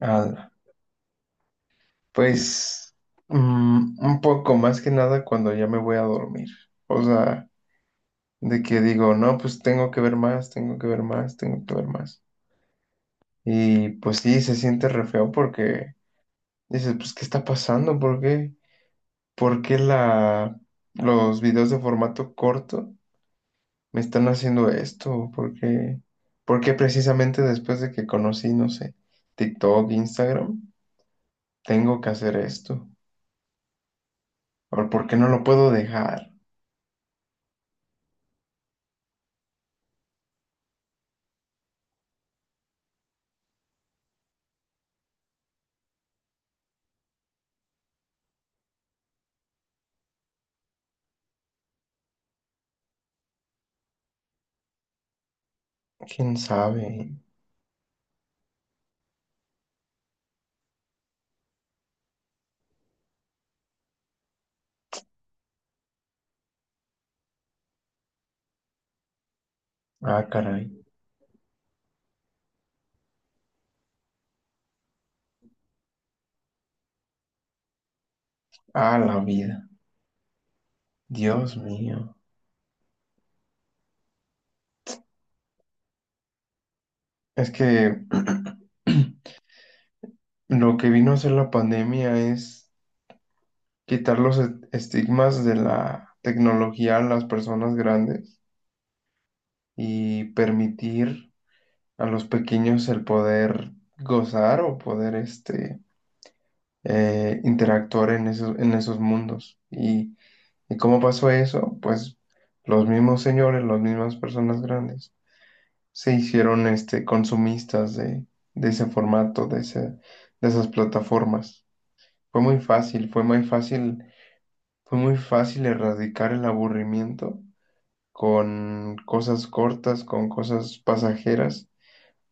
Ah, pues un poco más que nada cuando ya me voy a dormir. O sea, de que digo, no, pues tengo que ver más, tengo que ver más, tengo que ver más. Y pues sí, se siente re feo porque dices, pues, ¿qué está pasando? ¿Por qué? ¿Por qué la, los videos de formato corto me están haciendo esto? ¿Por qué? Porque precisamente después de que conocí, no sé, TikTok, Instagram, tengo que hacer esto. ¿Por qué no lo puedo dejar? ¿Quién sabe? Ah, caray. Ah, la vida. Dios mío. Es que lo que vino a hacer la pandemia es quitar los estigmas de la tecnología a las personas grandes y permitir a los pequeños el poder gozar o poder interactuar en esos mundos. ¿Y cómo pasó eso? Pues los mismos señores, las mismas personas grandes se hicieron consumistas de ese formato, de esas plataformas. Fue muy fácil, fue muy fácil, fue muy fácil erradicar el aburrimiento con cosas cortas, con cosas pasajeras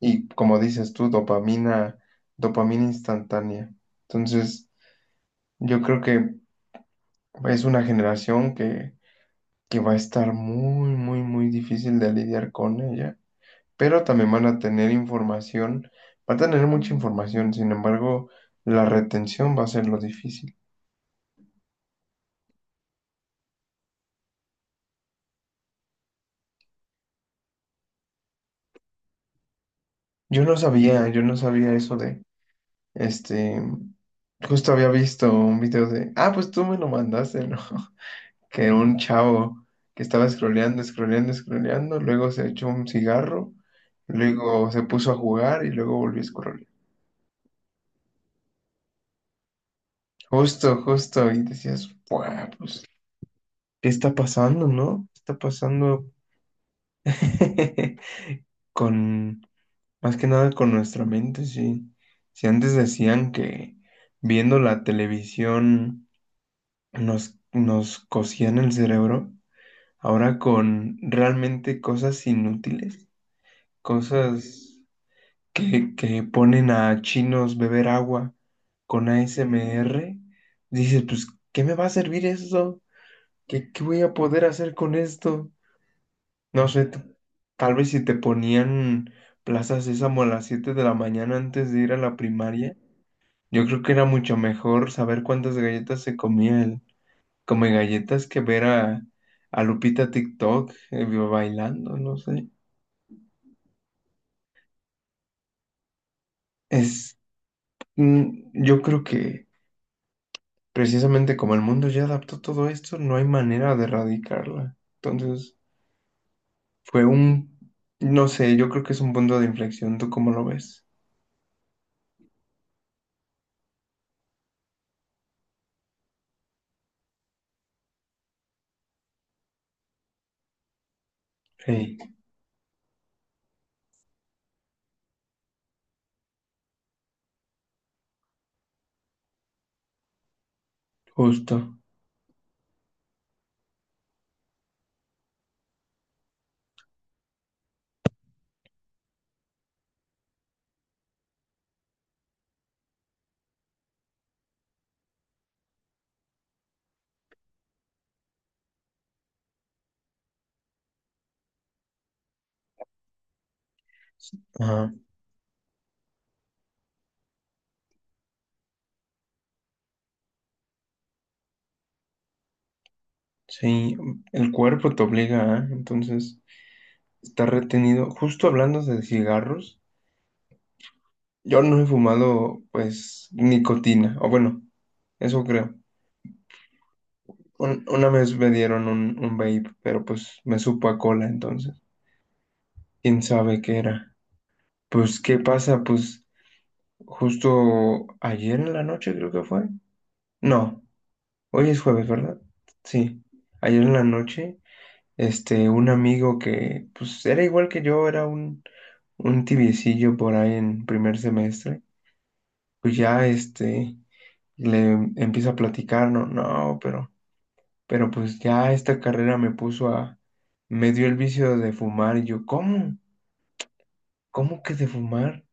y, como dices tú, dopamina, dopamina instantánea. Entonces, yo creo que es una generación que va a estar muy, muy, muy difícil de lidiar con ella, pero también van a tener información, va a tener mucha información. Sin embargo, la retención va a ser lo difícil. Yo no sabía eso de, este, justo había visto un video de, ah, pues tú me lo mandaste, ¿no? Que un chavo que estaba scrolleando, scrolleando, scrolleando, luego se echó un cigarro, luego se puso a jugar y luego volvió a scrollear. Justo, justo, y decías, "Buah, pues, ¿qué está pasando, no? ¿Qué está pasando?" con, Más que nada con nuestra mente, sí. Si antes decían que viendo la televisión nos cosían el cerebro, ahora con realmente cosas inútiles, cosas que ponen a chinos beber agua con ASMR, dices, pues, ¿qué me va a servir eso? ¿Qué voy a poder hacer con esto? No sé, tal vez si te ponían plazas Sésamo a las 7 de la mañana antes de ir a la primaria. Yo creo que era mucho mejor saber cuántas galletas se comía el come galletas que ver a Lupita TikTok bailando, no sé. Es, yo creo que precisamente como el mundo ya adaptó todo esto, no hay manera de erradicarla. Entonces, fue un, no sé, yo creo que es un punto de inflexión. ¿Tú cómo lo ves? Sí, justo. Ajá, sí, el cuerpo te obliga, ¿eh? Entonces, está retenido. Justo hablando de cigarros. Yo no he fumado, pues, nicotina, o bueno, eso creo. Una vez me dieron un vape, pero pues me supo a cola, entonces, quién sabe qué era. Pues, ¿qué pasa? Pues, justo ayer en la noche creo que fue. No, hoy es jueves, ¿verdad? Sí, ayer en la noche, un amigo que, pues, era igual que yo, era un tibiecillo por ahí en primer semestre. Pues ya, le empieza a platicar, no, no, pero pues ya esta carrera me dio el vicio de fumar y yo, ¿cómo? ¿Cómo que de fumar?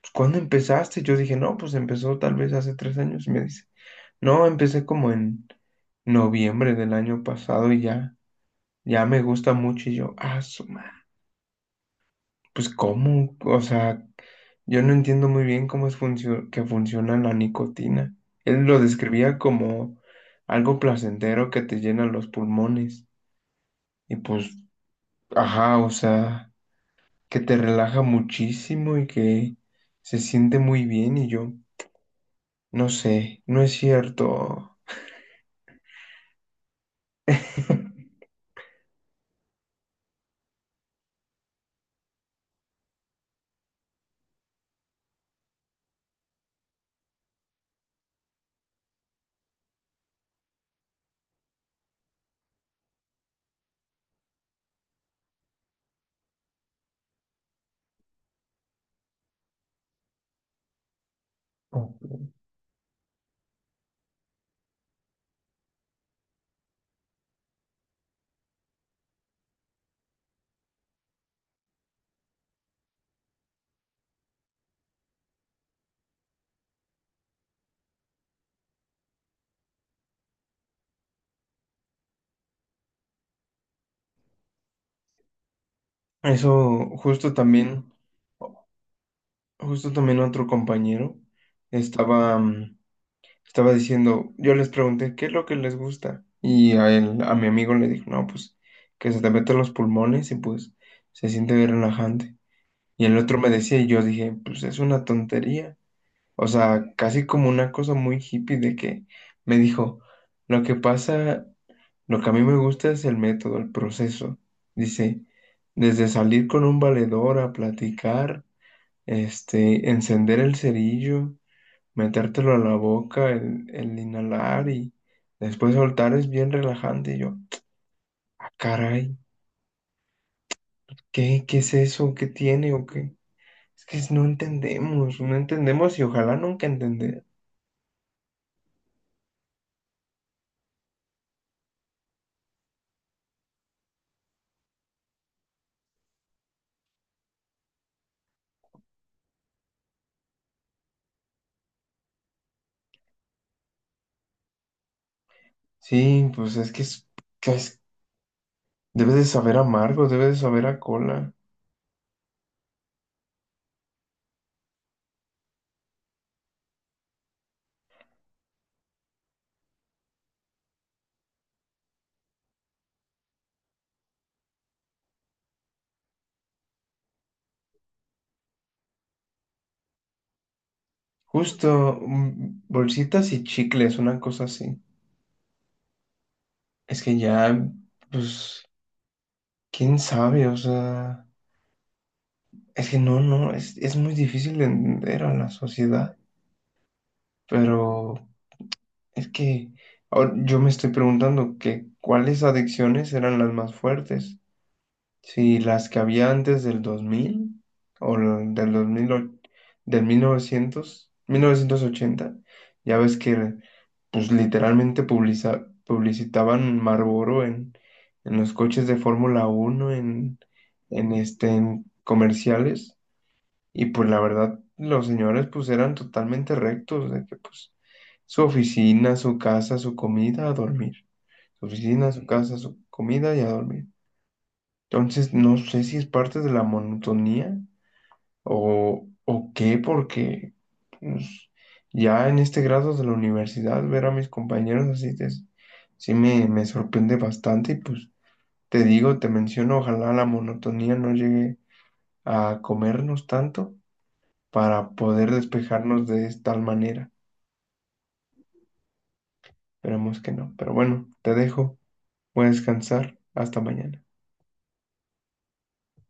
Pues, ¿cuándo empezaste? Yo dije, no, pues empezó tal vez hace 3 años y me dice, no, empecé como en noviembre del año pasado y ya me gusta mucho y yo, ah, su madre, pues ¿cómo? O sea, yo no entiendo muy bien cómo es que funciona la nicotina. Él lo describía como algo placentero que te llena los pulmones y pues, ajá, o sea, que te relaja muchísimo y que se siente muy bien y yo, no sé, no es cierto. Eso justo también otro compañero estaba, mm, estaba diciendo. Yo les pregunté qué es lo que les gusta y a él, a mi amigo, le dijo, no, pues que se te meten los pulmones y pues se siente bien relajante. Y el otro me decía y yo dije, pues es una tontería. O sea, casi como una cosa muy hippie de que me dijo, lo que pasa, lo que a mí me gusta es el método, el proceso. Dice, desde salir con un valedor a platicar, encender el cerillo, metértelo a la boca, el inhalar y después soltar es bien relajante. Y yo, "Ah, caray, ¿qué es eso? ¿Qué tiene o qué?" Es que no entendemos, no entendemos, y ojalá nunca entender. Sí, pues es que es... Debes de saber a amargo, debes de saber a cola. Justo, bolsitas y chicles, una cosa así. Es que ya, pues, quién sabe, o sea, es que no, no, es muy difícil de entender a la sociedad, pero es que ahora yo me estoy preguntando que cuáles adicciones eran las más fuertes, si las que había antes del 2000 o del 2000 del mil novecientos ochenta. Ya ves que pues literalmente publica publicitaban Marlboro en, los coches de Fórmula Uno, en comerciales, y pues la verdad, los señores pues eran totalmente rectos, de que pues su oficina, su casa, su comida, a dormir. Su oficina, su casa, su comida y a dormir. Entonces, no sé si es parte de la monotonía o qué, porque pues, ya en este grado de la universidad, ver a mis compañeros así sí me sorprende bastante. Y pues te digo, te menciono, ojalá la monotonía no llegue a comernos tanto para poder despejarnos de tal manera. Esperemos que no, pero bueno, te dejo, voy a descansar, hasta mañana.